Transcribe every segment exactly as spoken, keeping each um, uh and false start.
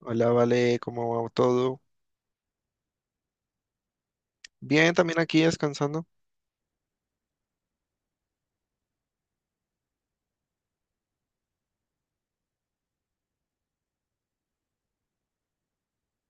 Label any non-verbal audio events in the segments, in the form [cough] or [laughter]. Hola, Vale, ¿cómo va todo? Bien, también aquí descansando.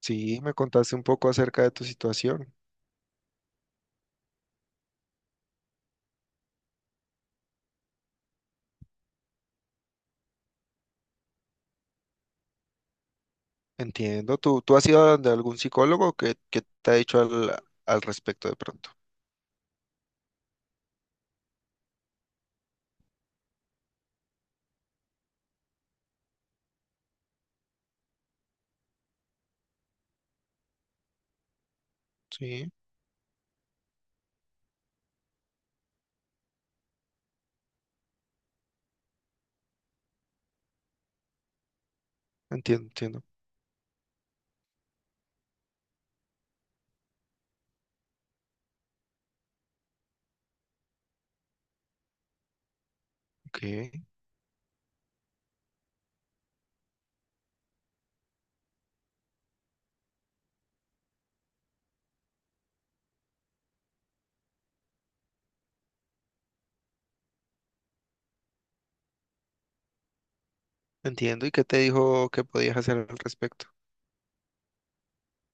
Sí, me contaste un poco acerca de tu situación. Entiendo. ¿Tú, tú has ido de algún psicólogo que, que te ha dicho al, al respecto de pronto? Sí, entiendo, entiendo. Ok, entiendo. ¿Y qué te dijo que podías hacer al respecto?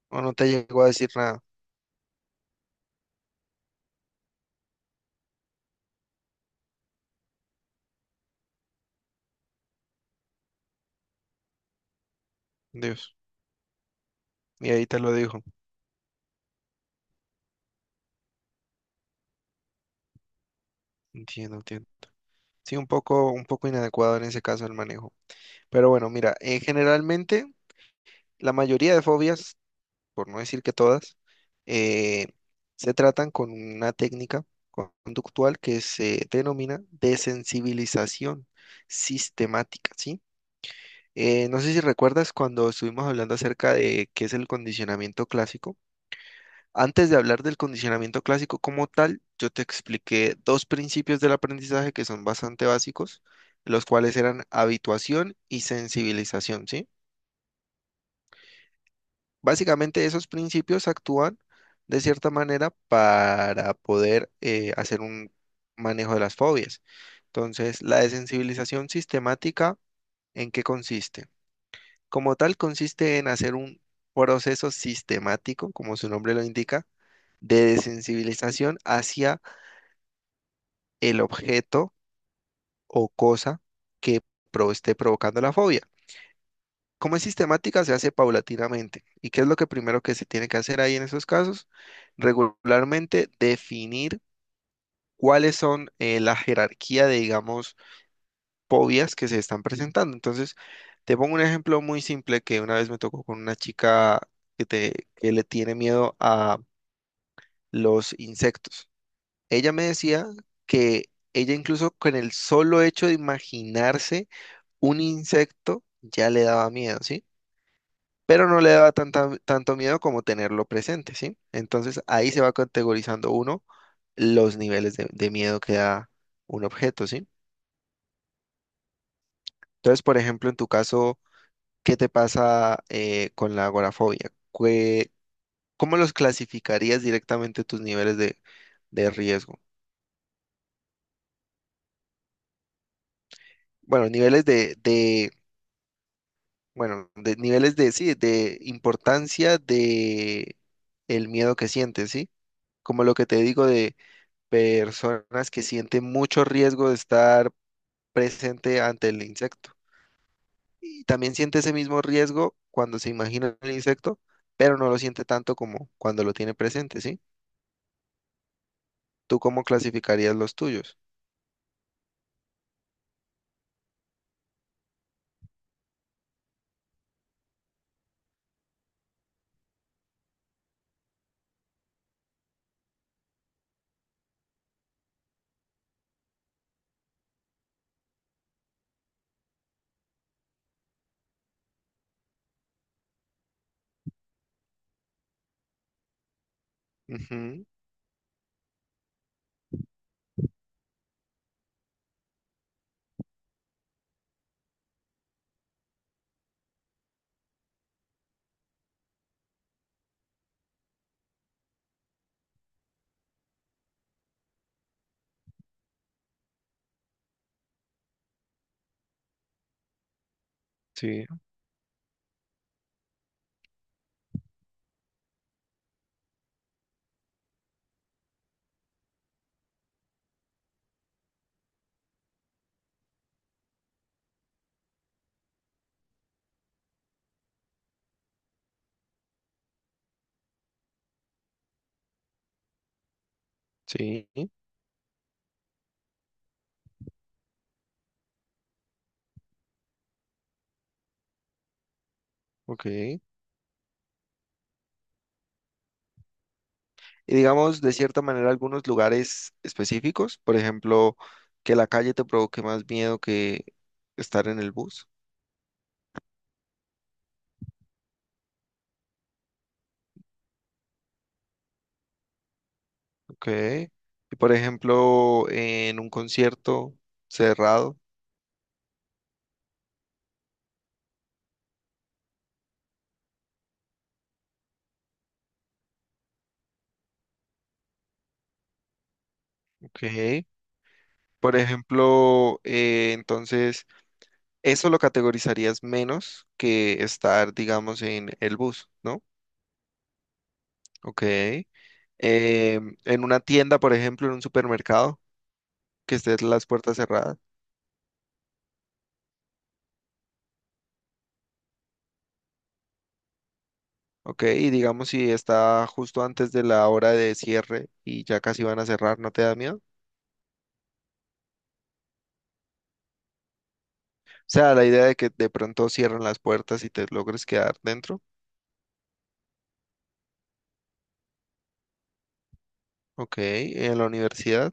¿O no te llegó a decir nada? Dios. Y ahí te lo dijo. Entiendo, entiendo. Sí, un poco, un poco inadecuado en ese caso el manejo. Pero bueno, mira, eh, generalmente la mayoría de fobias por no decir que todas, eh, se tratan con una técnica conductual que se denomina desensibilización sistemática, ¿sí? Eh, no sé si recuerdas cuando estuvimos hablando acerca de qué es el condicionamiento clásico. Antes de hablar del condicionamiento clásico como tal, yo te expliqué dos principios del aprendizaje que son bastante básicos, los cuales eran habituación y sensibilización, ¿sí? Básicamente esos principios actúan de cierta manera para poder eh, hacer un manejo de las fobias. Entonces, la desensibilización sistemática, ¿en qué consiste? Como tal, consiste en hacer un proceso sistemático, como su nombre lo indica, de desensibilización hacia el objeto o cosa que pro- esté provocando la fobia. Como es sistemática, se hace paulatinamente. ¿Y qué es lo que primero que se tiene que hacer ahí en esos casos? Regularmente definir cuáles son eh, la jerarquía de, digamos, fobias que se están presentando. Entonces, te pongo un ejemplo muy simple que una vez me tocó con una chica que, te- que le tiene miedo a los insectos. Ella me decía que ella incluso con el solo hecho de imaginarse un insecto ya le daba miedo, ¿sí? Pero no le da tanta- tanto miedo como tenerlo presente, ¿sí? Entonces ahí se va categorizando uno los niveles de, de miedo que da un objeto, ¿sí? Entonces, por ejemplo, en tu caso, ¿qué te pasa eh, con la agorafobia? ¿Qué- ¿Cómo los clasificarías directamente tus niveles de, de riesgo? Bueno, niveles de, de, bueno, de niveles de, sí, de importancia de el miedo que sientes, ¿sí? Como lo que te digo de personas que sienten mucho riesgo de estar presente ante el insecto. Y también siente ese mismo riesgo cuando se imagina el insecto, pero no lo siente tanto como cuando lo tiene presente, ¿sí? ¿Tú cómo clasificarías los tuyos? Ujú, sí, sí, ok. Y digamos, de cierta manera, algunos lugares específicos, por ejemplo, que la calle te provoque más miedo que estar en el bus, ok. Y por ejemplo, en un concierto cerrado. Ok. Por ejemplo, eh, entonces, eso lo categorizarías menos que estar, digamos, en el bus, ¿no? Ok. Eh, en una tienda, por ejemplo, en un supermercado, que estés las puertas cerradas. Ok. Y digamos, si está justo antes de la hora de cierre y ya casi van a cerrar, ¿no te da miedo? O sea, la idea de que de pronto cierren las puertas y te logres quedar dentro. Ok. En la universidad,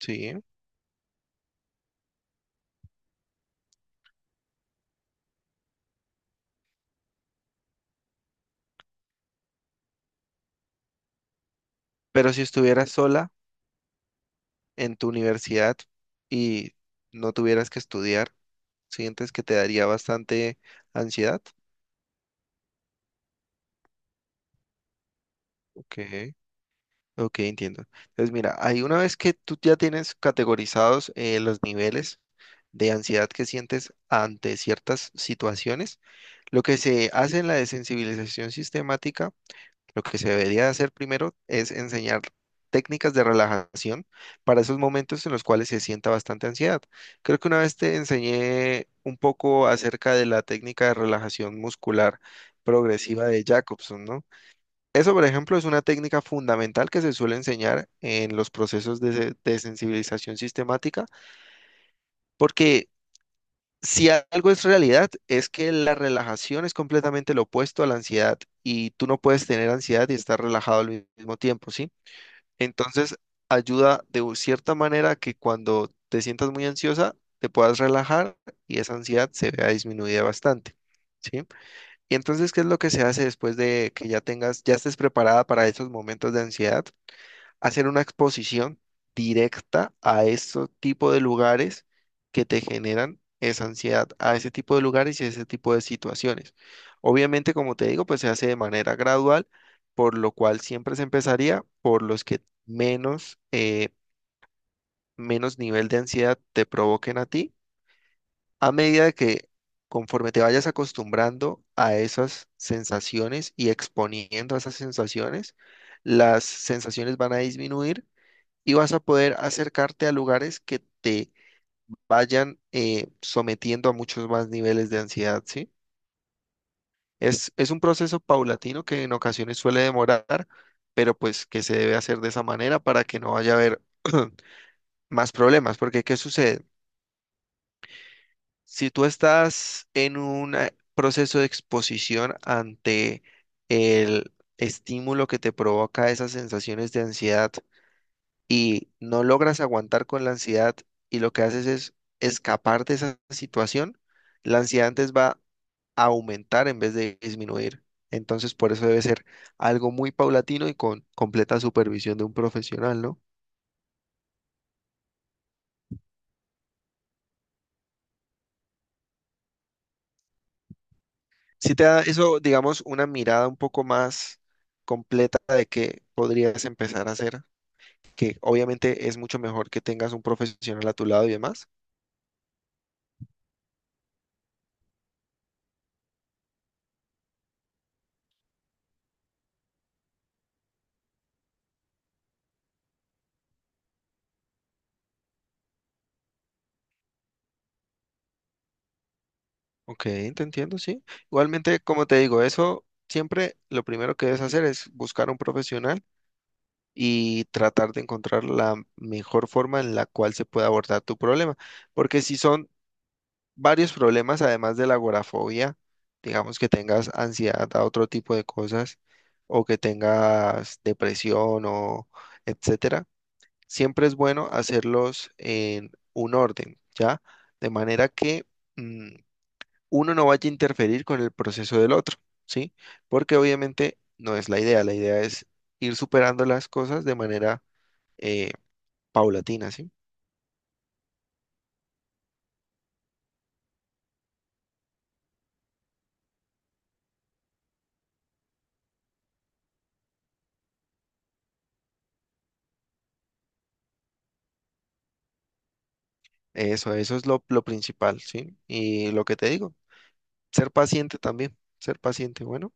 sí. Pero si estuvieras sola en tu universidad y no tuvieras que estudiar, ¿sientes que te daría bastante ansiedad? Ok, ok, entiendo. Entonces, mira, ahí una vez que tú ya tienes categorizados eh, los niveles de ansiedad que sientes ante ciertas situaciones, lo que se hace en la desensibilización sistemática, lo que se debería hacer primero es enseñar técnicas de relajación para esos momentos en los cuales se sienta bastante ansiedad. Creo que una vez te enseñé un poco acerca de la técnica de relajación muscular progresiva de Jacobson, ¿no? Eso, por ejemplo, es una técnica fundamental que se suele enseñar en los procesos de, se- de sensibilización sistemática, porque si algo es realidad, es que la relajación es completamente lo opuesto a la ansiedad y tú no puedes tener ansiedad y estar relajado al mismo tiempo, ¿sí? Entonces, ayuda de u- cierta manera que cuando te sientas muy ansiosa, te puedas relajar y esa ansiedad se vea disminuida bastante, ¿sí? Y entonces, ¿qué es lo que se hace después de que ya tengas, ya estés preparada para esos momentos de ansiedad? Hacer una exposición directa a estos tipo de lugares que te generan esa ansiedad, a ese tipo de lugares y ese tipo de situaciones. Obviamente, como te digo, pues se hace de manera gradual, por lo cual siempre se empezaría por los que menos, eh, menos nivel de ansiedad te provoquen a ti, a medida de que conforme te vayas acostumbrando a esas sensaciones y exponiendo a esas sensaciones, las sensaciones van a disminuir y vas a poder acercarte a lugares que te vayan eh, sometiendo a muchos más niveles de ansiedad, ¿sí? Es, es un proceso paulatino que en ocasiones suele demorar, pero pues que se debe hacer de esa manera para que no vaya a haber [clears throat] más problemas, porque ¿qué sucede? Si tú estás en un eh, proceso de exposición ante el estímulo que te provoca esas sensaciones de ansiedad, y no logras aguantar con la ansiedad y lo que haces es escapar de esa situación, la ansiedad antes va a aumentar en vez de disminuir. Entonces, por eso debe ser algo muy paulatino y con completa supervisión de un profesional, ¿no? Si te da eso, digamos, una mirada un poco más completa de qué podrías empezar a hacer, que obviamente es mucho mejor que tengas un profesional a tu lado y demás. Ok, te entiendo, sí. Igualmente, como te digo, eso siempre lo primero que debes hacer es buscar un profesional y tratar de encontrar la mejor forma en la cual se pueda abordar tu problema. Porque si son varios problemas, además de la agorafobia, digamos que tengas ansiedad a otro tipo de cosas o que tengas depresión o etcétera, siempre es bueno hacerlos en un orden, ¿ya? De manera que... mm, uno no vaya a interferir con el proceso del otro, ¿sí? Porque obviamente no es la idea, la idea es ir superando las cosas de manera eh, paulatina, ¿sí? Eso, eso es lo, lo principal, ¿sí? Y lo que te digo, ser paciente también, ser paciente, bueno,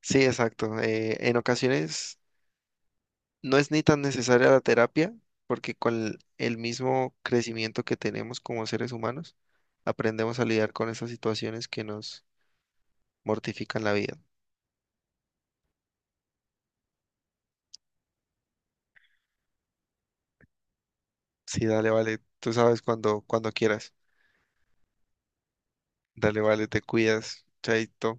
sí, exacto. Eh, en ocasiones no es ni tan necesaria la terapia, porque con el mismo crecimiento que tenemos como seres humanos, aprendemos a lidiar con esas situaciones que nos mortifican la vida. Sí, dale, vale. Tú sabes cuando, cuando quieras. Dale, vale, te cuidas. Chaito.